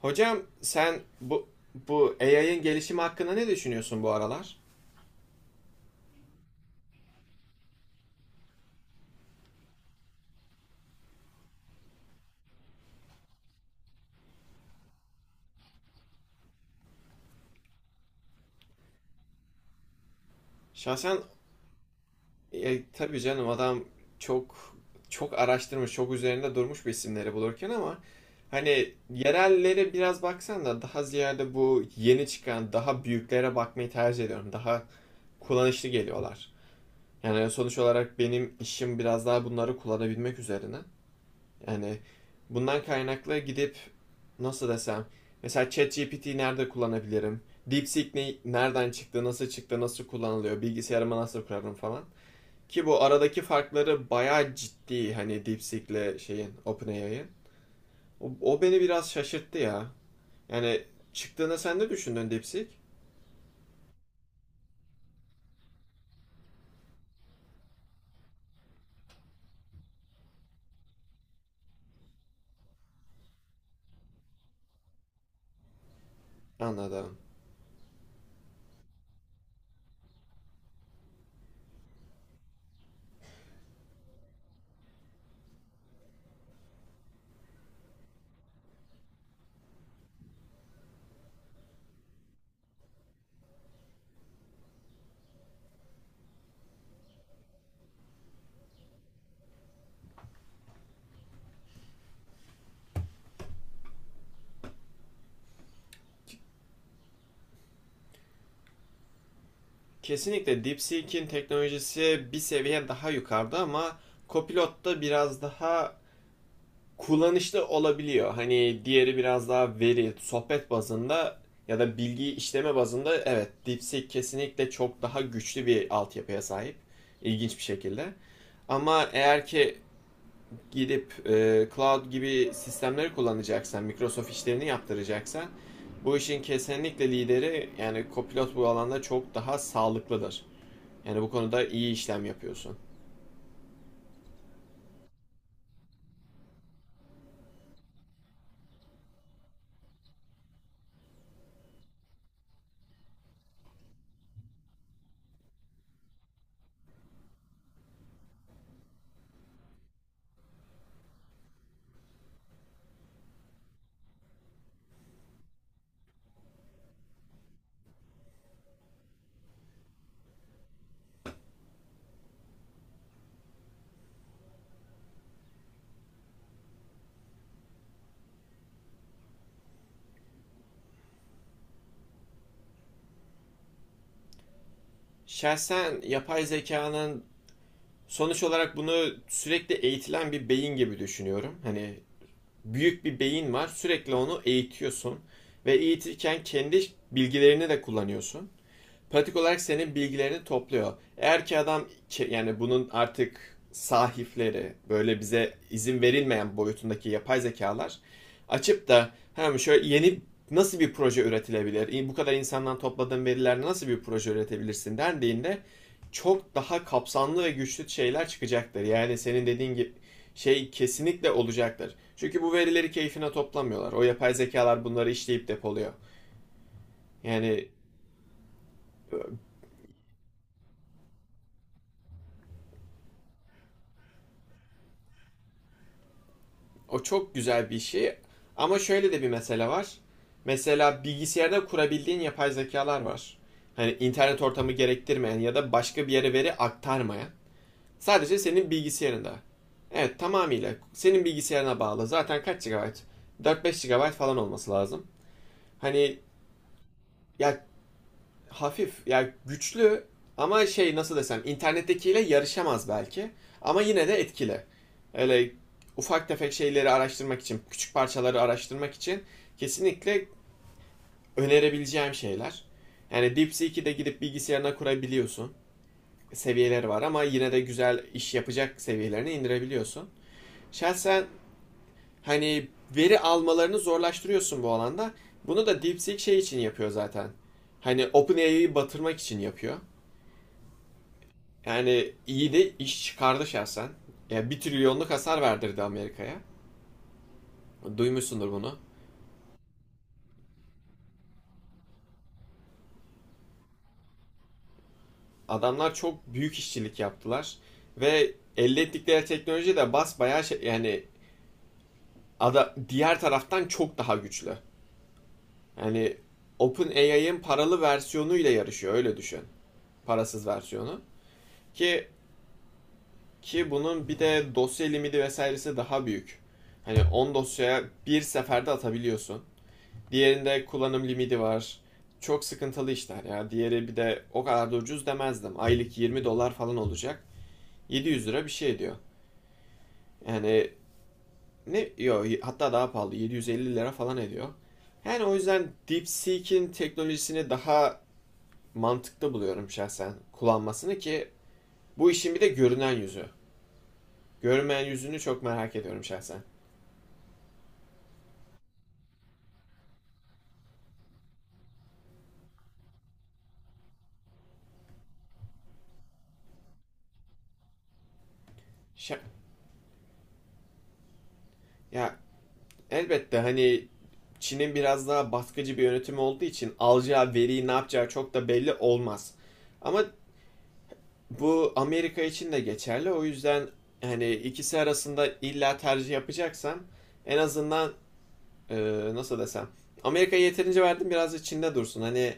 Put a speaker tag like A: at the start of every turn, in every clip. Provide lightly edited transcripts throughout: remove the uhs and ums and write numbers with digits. A: Hocam sen bu AI'ın gelişimi hakkında ne düşünüyorsun bu aralar? Şahsen tabii canım adam çok çok araştırmış, çok üzerinde durmuş bu isimleri bulurken ama hani yerellere biraz baksan da daha ziyade bu yeni çıkan daha büyüklere bakmayı tercih ediyorum. Daha kullanışlı geliyorlar. Yani sonuç olarak benim işim biraz daha bunları kullanabilmek üzerine. Yani bundan kaynaklı gidip nasıl desem mesela ChatGPT'yi nerede kullanabilirim? DeepSeek ne, nereden çıktı, nasıl çıktı, nasıl kullanılıyor, bilgisayarıma nasıl kurarım falan. Ki bu aradaki farkları bayağı ciddi hani DeepSeek'le şeyin OpenAI'ın. O beni biraz şaşırttı ya. Yani çıktığını sen de düşündün DeepSeek. Anladım. Kesinlikle DeepSeek'in teknolojisi bir seviye daha yukarıda ama Copilot da biraz daha kullanışlı olabiliyor. Hani diğeri biraz daha veri, sohbet bazında ya da bilgi işleme bazında evet DeepSeek kesinlikle çok daha güçlü bir altyapıya sahip. İlginç bir şekilde. Ama eğer ki gidip cloud gibi sistemleri kullanacaksan, Microsoft işlerini yaptıracaksan bu işin kesinlikle lideri yani Copilot bu alanda çok daha sağlıklıdır. Yani bu konuda iyi işlem yapıyorsun. Şahsen yapay zekanın sonuç olarak bunu sürekli eğitilen bir beyin gibi düşünüyorum. Hani büyük bir beyin var. Sürekli onu eğitiyorsun ve eğitirken kendi bilgilerini de kullanıyorsun, pratik olarak senin bilgilerini topluyor. Eğer ki adam yani bunun artık sahipleri böyle bize izin verilmeyen boyutundaki yapay zekalar açıp da hem şöyle yeni nasıl bir proje üretilebilir? Bu kadar insandan topladığın verilerle nasıl bir proje üretebilirsin dendiğinde çok daha kapsamlı ve güçlü şeyler çıkacaktır. Yani senin dediğin gibi şey kesinlikle olacaktır. Çünkü bu verileri keyfine toplamıyorlar. O yapay zekalar bunları işleyip depoluyor. Yani o çok güzel bir şey. Ama şöyle de bir mesele var. Mesela bilgisayarda kurabildiğin yapay zekalar var. Hani internet ortamı gerektirmeyen ya da başka bir yere veri aktarmayan. Sadece senin bilgisayarında. Evet, tamamıyla senin bilgisayarına bağlı. Zaten kaç GB? 4-5 GB falan olması lazım. Hani ya hafif yani güçlü ama şey nasıl desem internettekiyle yarışamaz belki ama yine de etkili. Öyle ufak tefek şeyleri araştırmak için, küçük parçaları araştırmak için kesinlikle önerebileceğim şeyler. Yani DeepSeek'i de gidip bilgisayarına kurabiliyorsun. Seviyeleri var ama yine de güzel iş yapacak seviyelerine indirebiliyorsun. Şahsen hani veri almalarını zorlaştırıyorsun bu alanda. Bunu da DeepSeek şey için yapıyor zaten. Hani OpenAI'yi batırmak için yapıyor. Yani iyi de iş çıkardı şahsen. Ya 1 trilyonluk hasar verdirdi Amerika'ya. Duymuşsundur bunu. Adamlar çok büyük işçilik yaptılar ve elde ettikleri teknoloji de basbayağı şey, yani ada, diğer taraftan çok daha güçlü. Yani OpenAI'ın paralı versiyonuyla yarışıyor öyle düşün. Parasız versiyonu. Ki ki bunun bir de dosya limiti vesairesi daha büyük. Hani 10 dosyaya bir seferde atabiliyorsun. Diğerinde kullanım limiti var. Çok sıkıntılı işler ya. Diğeri bir de o kadar da ucuz demezdim. Aylık 20 dolar falan olacak. 700 lira bir şey ediyor. Yani ne yo, hatta daha pahalı, 750 lira falan ediyor. Yani o yüzden DeepSeek'in teknolojisini daha mantıklı buluyorum şahsen kullanmasını ki bu işin bir de görünen yüzü. Görünmeyen yüzünü çok merak ediyorum şahsen. Şa- ya, elbette hani Çin'in biraz daha baskıcı bir yönetimi olduğu için alacağı veriyi ne yapacağı çok da belli olmaz. Ama bu Amerika için de geçerli. O yüzden hani ikisi arasında illa tercih yapacaksam en azından e, nasıl desem Amerika'ya yeterince verdim biraz da Çin'de dursun. Hani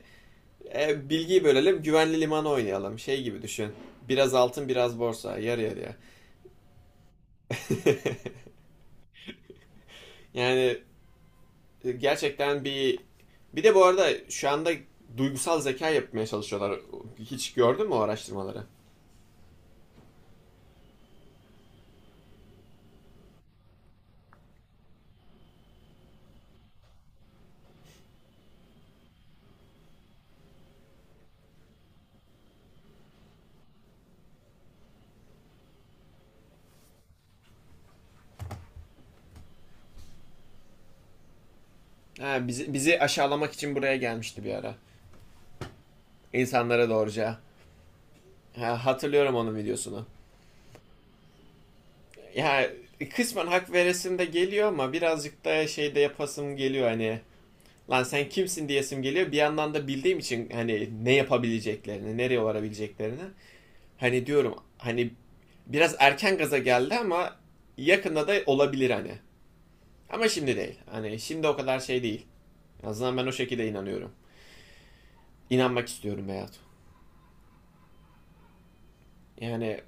A: bilgiyi bölelim, güvenli liman oynayalım şey gibi düşün. Biraz altın biraz borsa yarı yarıya. Yani gerçekten bir, bir de bu arada şu anda duygusal zeka yapmaya çalışıyorlar. Hiç gördün mü o araştırmaları? Ha, bizi, bizi aşağılamak için buraya gelmişti bir ara. İnsanlara doğruca. Ha, hatırlıyorum onun videosunu. Ya kısmen hak veresim de geliyor ama birazcık da şey de yapasım geliyor hani. Lan sen kimsin diyesim geliyor. Bir yandan da bildiğim için hani ne yapabileceklerini, nereye varabileceklerini. Hani diyorum hani biraz erken gaza geldi ama yakında da olabilir hani. Ama şimdi değil. Hani şimdi o kadar şey değil. En azından ben o şekilde inanıyorum. İnanmak istiyorum Beyat. Yani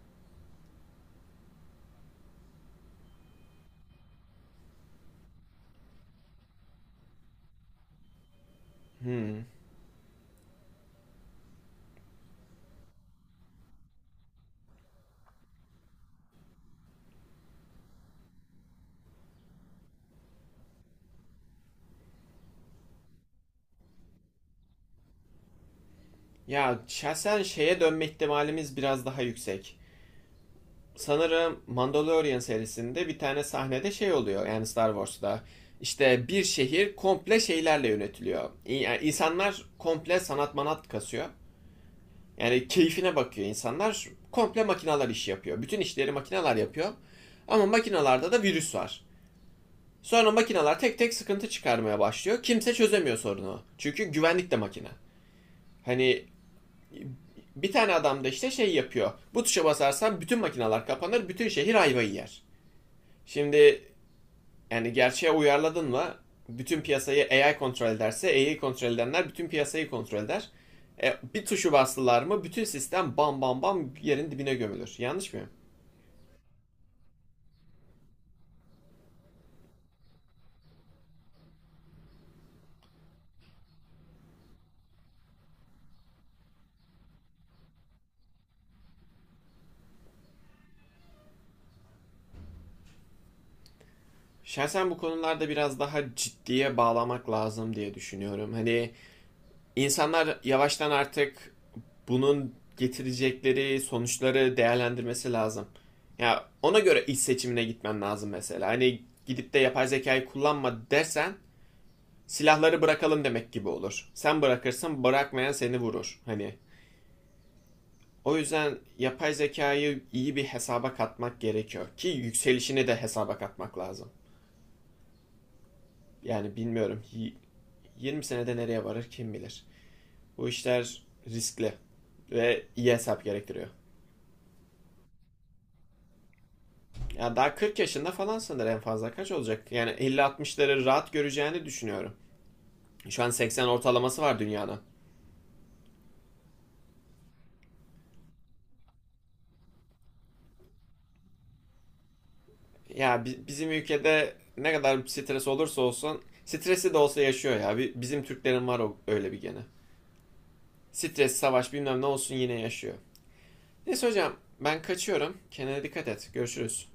A: ya şahsen şeye dönme ihtimalimiz biraz daha yüksek. Sanırım Mandalorian serisinde bir tane sahnede şey oluyor yani Star Wars'ta. İşte bir şehir komple şeylerle yönetiliyor. Yani insanlar komple sanat manat kasıyor. Yani keyfine bakıyor insanlar. Komple makineler iş yapıyor. Bütün işleri makineler yapıyor. Ama makinalarda da virüs var. Sonra makineler tek tek sıkıntı çıkarmaya başlıyor. Kimse çözemiyor sorunu. Çünkü güvenlik de makine. Hani bir tane adam da işte şey yapıyor. Bu tuşa basarsan bütün makineler kapanır, bütün şehir ayvayı yer. Şimdi yani gerçeğe uyarladın mı? Bütün piyasayı AI kontrol ederse AI kontrol edenler bütün piyasayı kontrol eder. Bir tuşu bastılar mı bütün sistem bam bam bam yerin dibine gömülür. Yanlış mı? Şahsen bu konularda biraz daha ciddiye bağlamak lazım diye düşünüyorum. Hani İnsanlar yavaştan artık bunun getirecekleri sonuçları değerlendirmesi lazım. Ya ona göre iş seçimine gitmen lazım mesela. Hani gidip de yapay zekayı kullanma dersen silahları bırakalım demek gibi olur. Sen bırakırsın, bırakmayan seni vurur. Hani o yüzden yapay zekayı iyi bir hesaba katmak gerekiyor ki yükselişini de hesaba katmak lazım. Yani bilmiyorum 20 senede nereye varır kim bilir. Bu işler riskli ve iyi hesap gerektiriyor. Ya daha 40 yaşında falan sanır en fazla kaç olacak? Yani 50-60'ları rahat göreceğini düşünüyorum. Şu an 80 ortalaması var dünyanın. Ya bizim ülkede ne kadar stres olursa olsun stresi de olsa yaşıyor ya. Bizim Türklerin var o öyle bir gene. Stres, savaş bilmem ne olsun yine yaşıyor. Neyse hocam ben kaçıyorum. Kendine dikkat et. Görüşürüz.